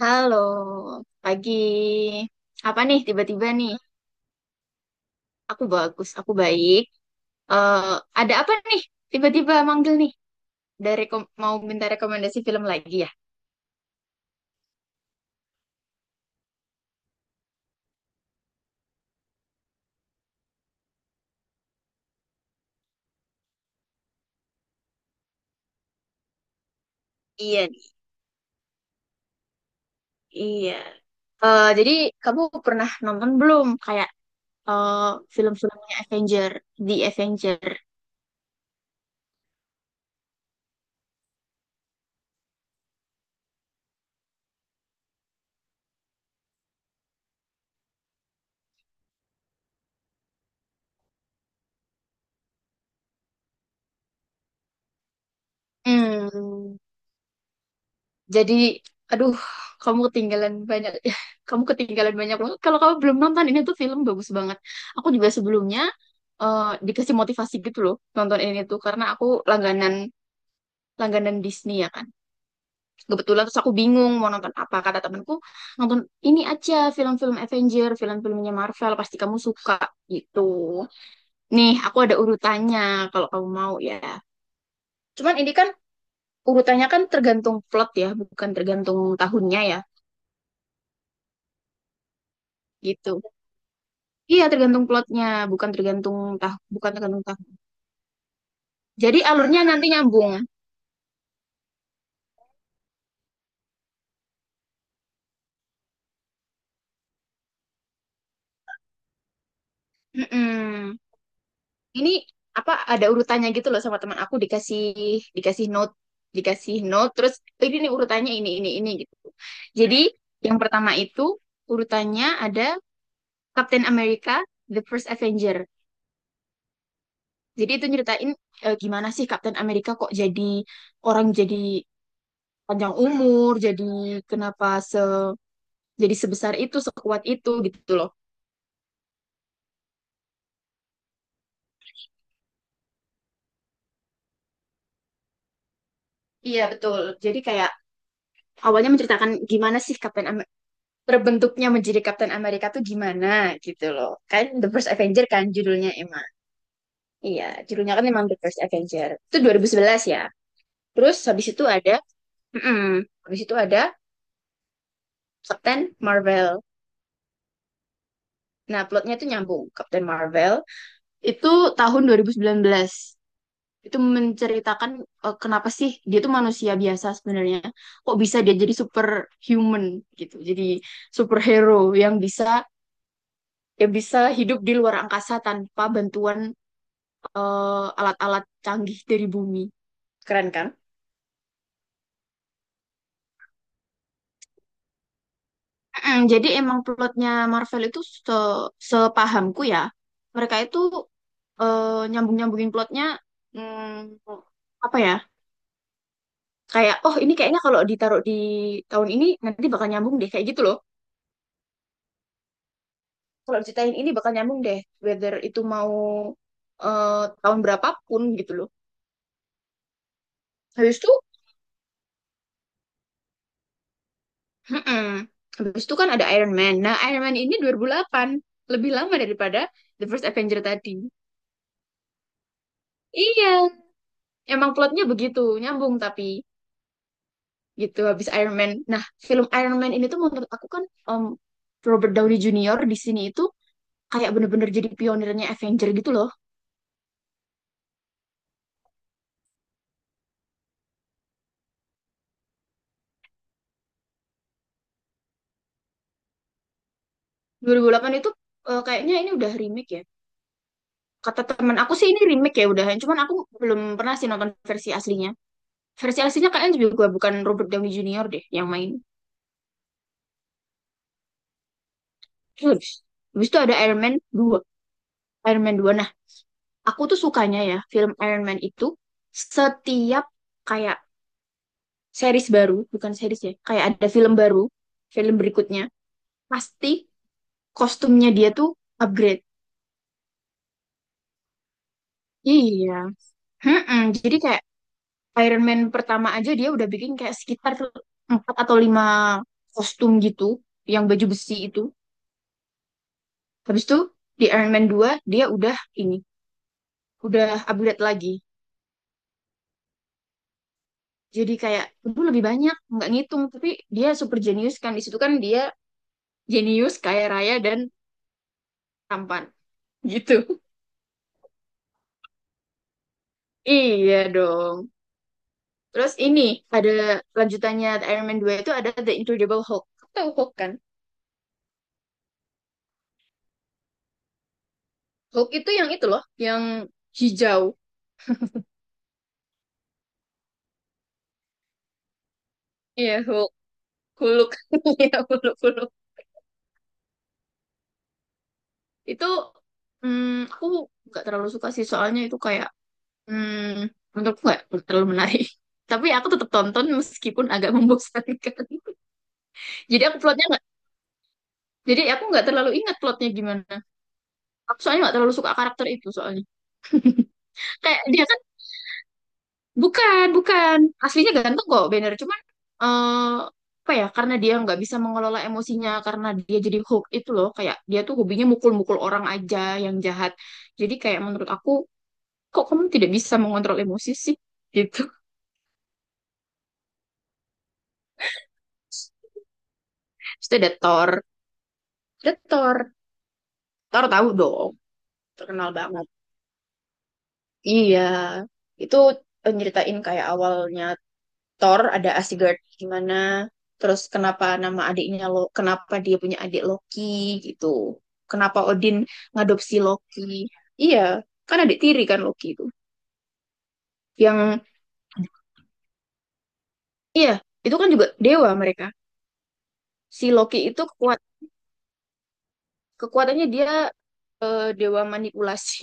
Halo, pagi. Apa nih tiba-tiba nih? Aku bagus, aku baik. Eh, ada apa nih? Tiba-tiba manggil nih. Dari mau minta rekomendasi film lagi ya? Iya nih, iya. Jadi kamu pernah nonton belum kayak eh, film-filmnya Avenger, The Avenger? Hmm. Jadi, aduh, kamu ketinggalan banyak. Ya, kamu ketinggalan banyak banget. Kalau kamu belum nonton, ini tuh film bagus banget. Aku juga sebelumnya eh, dikasih motivasi gitu loh nonton ini tuh karena aku langganan langganan Disney ya kan. Kebetulan terus aku bingung mau nonton apa. Kata temanku, nonton ini aja film-film Avenger, film-filmnya Marvel, pasti kamu suka gitu. Nih, aku ada urutannya kalau kamu mau ya. Cuman ini kan urutannya kan tergantung plot ya, bukan tergantung tahunnya ya. Gitu. Iya, tergantung plotnya, bukan tergantung bukan tergantung tahu. Jadi alurnya nanti nyambung. Mm-mm. Ini apa ada urutannya gitu loh, sama teman aku dikasih dikasih note, dikasih note terus, oh, ini nih urutannya ini gitu. Jadi yang pertama itu urutannya ada Captain America The First Avenger. Jadi itu nyeritain gimana sih Captain America kok jadi orang jadi panjang umur, jadi kenapa se jadi sebesar itu, sekuat itu gitu loh. Iya betul. Jadi kayak awalnya menceritakan gimana sih terbentuknya menjadi Captain Amerika tuh gimana gitu loh. Kan The First Avenger kan judulnya emang. Iya, judulnya kan emang The First Avenger. Itu 2011 ya. Terus habis itu mm-mm, ada Captain Marvel. Nah, plotnya itu nyambung. Captain Marvel itu tahun 2019. Itu menceritakan kenapa sih dia tuh manusia biasa sebenarnya. Kok bisa dia jadi superhuman gitu. Jadi superhero yang bisa yang bisa hidup di luar angkasa tanpa bantuan alat-alat canggih dari bumi. Keren kan? Jadi emang plotnya Marvel itu sepahamku ya, mereka itu nyambung-nyambungin plotnya, mm, apa ya? Kayak oh ini kayaknya kalau ditaruh di tahun ini nanti bakal nyambung deh kayak gitu loh. Kalau ceritain ini bakal nyambung deh, whether itu mau tahun berapapun gitu loh. Habis itu. Mm-mm. Habis itu kan ada Iron Man. Nah, Iron Man ini 2008, lebih lama daripada The First Avenger tadi. Iya, emang plotnya begitu, nyambung, tapi gitu habis Iron Man. Nah, film Iron Man ini tuh menurut aku kan um, Robert Downey Jr. di sini itu kayak bener-bener jadi pionirnya Avenger gitu loh. 2008 itu kayaknya ini udah remake ya. Kata teman aku sih ini remake ya udahan, cuman aku belum pernah sih nonton versi aslinya. Versi aslinya kayaknya juga bukan Robert Downey Jr. deh yang main. Terus, habis itu ada Iron Man dua. Nah, aku tuh sukanya ya film Iron Man itu, setiap kayak series baru, bukan series ya, kayak ada film baru, film berikutnya, pasti kostumnya dia tuh upgrade. Iya. Mm-mm. Jadi kayak Iron Man pertama aja dia udah bikin kayak sekitar 4 atau 5 kostum gitu, yang baju besi itu. Habis itu di Iron Man dua dia udah ini, udah upgrade lagi. Jadi kayak dulu lebih banyak nggak ngitung, tapi dia super jenius kan di situ, kan dia jenius, kaya raya, dan tampan gitu. Iya dong. Terus ini ada lanjutannya The Iron Man dua, itu ada The Incredible Hulk. Kamu tahu Hulk kan? Hulk itu yang itu loh, yang hijau. Iya, Hulk. Hulk. Iya, Hulk. Hulk itu, hmm, aku nggak terlalu suka sih, soalnya itu kayak, hmm, menurutku nggak terlalu menarik. Tapi aku tetap tonton meskipun agak membosankan. Jadi aku plotnya nggak, jadi aku nggak terlalu ingat plotnya gimana. Aku soalnya nggak terlalu suka karakter itu soalnya. Kayak dia kan bukan aslinya ganteng kok Banner, cuman eh apa ya? Karena dia nggak bisa mengelola emosinya, karena dia jadi hook itu loh. Kayak dia tuh hobinya mukul-mukul orang aja, yang jahat. Jadi kayak menurut aku, kok kamu tidak bisa mengontrol emosi sih? Gitu. Terus ada Thor, ada Thor. Thor tahu dong, terkenal banget. Iya, itu nyeritain kayak awalnya Thor, ada Asgard gimana, terus kenapa nama adiknya lo, kenapa dia punya adik Loki gitu, kenapa Odin ngadopsi Loki, iya kan adik tiri kan Loki itu, yang iya itu kan juga dewa mereka, si Loki itu kekuatannya dia dewa manipulasi.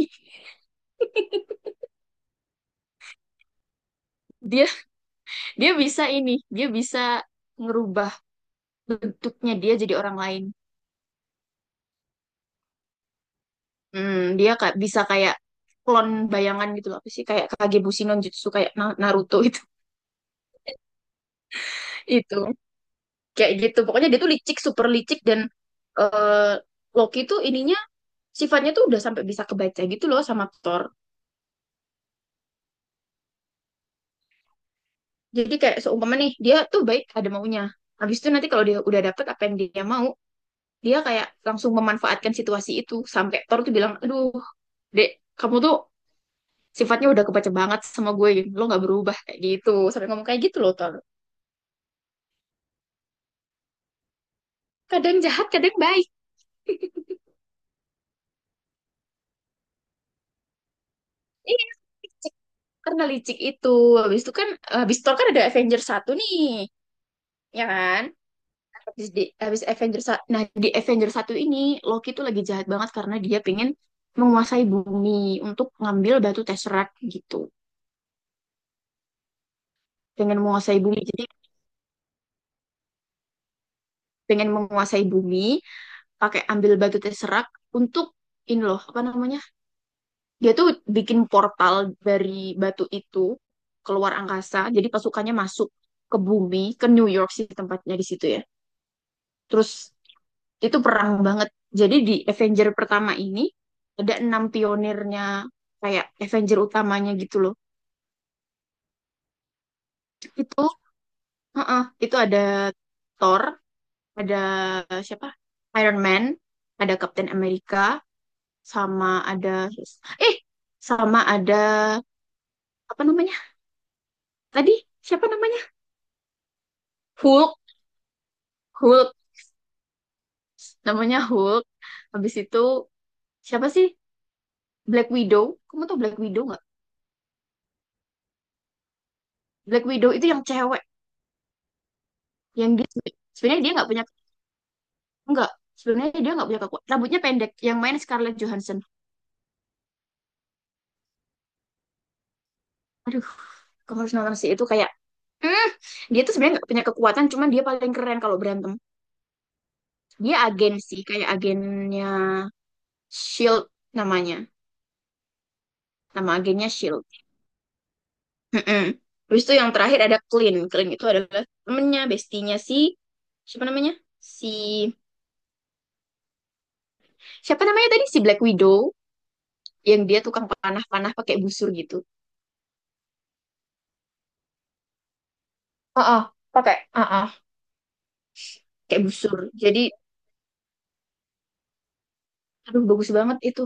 dia dia bisa ini, dia bisa ngerubah bentuknya dia jadi orang lain. Hmm, dia kayak bisa kayak klon bayangan gitu loh, apa sih kayak Kagebushi no Jutsu kayak Naruto itu kayak gitu pokoknya. Dia tuh licik, super licik, dan eh, Loki tuh ininya sifatnya tuh udah sampai bisa kebaca gitu loh sama Thor. Jadi kayak seumpama nih dia tuh baik ada maunya, habis itu nanti kalau dia udah dapet apa yang dia mau, dia kayak langsung memanfaatkan situasi itu, sampai Thor tuh bilang, aduh dek, kamu tuh sifatnya udah kebaca banget sama gue, lo nggak berubah kayak gitu, sampai ngomong kayak gitu loh Thor. Kadang jahat kadang baik. Iya, licik. Karena licik itu. Habis itu kan habis Thor kan ada Avengers satu nih ya kan? Habis di habis Avengers sa- Nah, di Avengers satu ini Loki tuh lagi jahat banget karena dia pengen menguasai bumi untuk ngambil batu Tesseract gitu. Pengen menguasai bumi. Jadi pengen menguasai bumi pakai ambil batu Tesseract untuk ini loh, apa namanya? Dia tuh bikin portal dari batu itu keluar angkasa. Jadi pasukannya masuk ke bumi, ke New York sih tempatnya di situ ya. Terus, itu perang banget. Jadi di Avenger pertama ini ada enam pionirnya, kayak Avenger utamanya gitu loh. Itu heeh, itu ada Thor, ada siapa? Iron Man, ada Captain America, sama ada eh sama ada apa namanya? Tadi siapa namanya? Hulk, Hulk. Namanya Hulk. Habis itu siapa sih? Black Widow. Kamu tau Black Widow nggak? Black Widow itu yang cewek, yang dia sebenarnya dia nggak punya. Enggak, sebenarnya dia nggak punya kekuatan. Rambutnya pendek, yang main Scarlett Johansson. Aduh, kamu harus nonton sih, itu kayak, hmm, dia tuh sebenarnya nggak punya kekuatan, cuman dia paling keren kalau berantem. Dia agen sih, kayak agennya Shield namanya, nama agennya Shield. Mm-mm. Terus itu yang terakhir ada Clint. Clint itu adalah temennya, bestinya si siapa namanya? Si siapa namanya tadi si Black Widow, yang dia tukang panah-panah pakai busur gitu. Heeh, pakai. ah ah, pakai busur. Jadi, aduh bagus banget itu.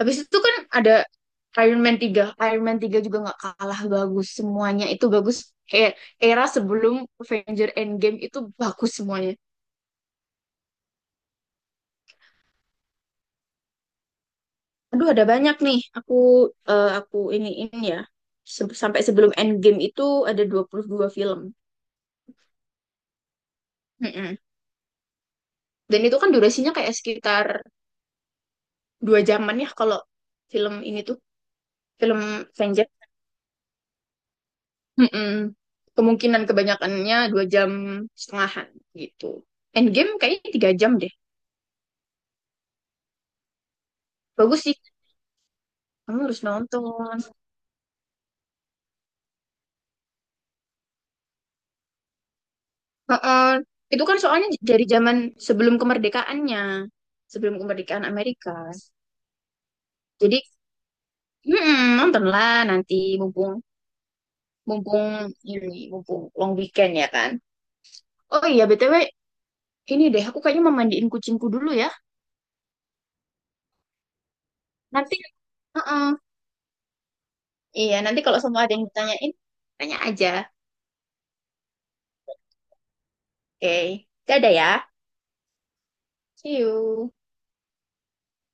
Habis itu kan ada Iron Man tiga. Iron Man tiga juga nggak kalah bagus. Semuanya itu bagus. Kayak era sebelum Avenger Endgame itu bagus semuanya. Aduh, ada banyak nih. Aku ini ya. Sampai sebelum Endgame itu ada 22 film. Mm-mm. Dan itu kan durasinya kayak sekitar 2 jaman ya kalau film ini tuh film Avenger. Mm-mm. Kemungkinan kebanyakannya 2 jam setengahan gitu. Endgame kayaknya 3 jam deh. Bagus sih. Kamu harus nonton. Heeh. Itu kan soalnya dari zaman sebelum kemerdekaannya, sebelum kemerdekaan Amerika. Jadi, nontonlah nanti mumpung mumpung ini mumpung long weekend ya kan. Oh iya BTW, ini deh aku kayaknya mau mandiin kucingku dulu ya. Nanti, heeh. Iya, nanti kalau semua ada yang ditanyain, tanya aja. Oke. Dadah ya. See you.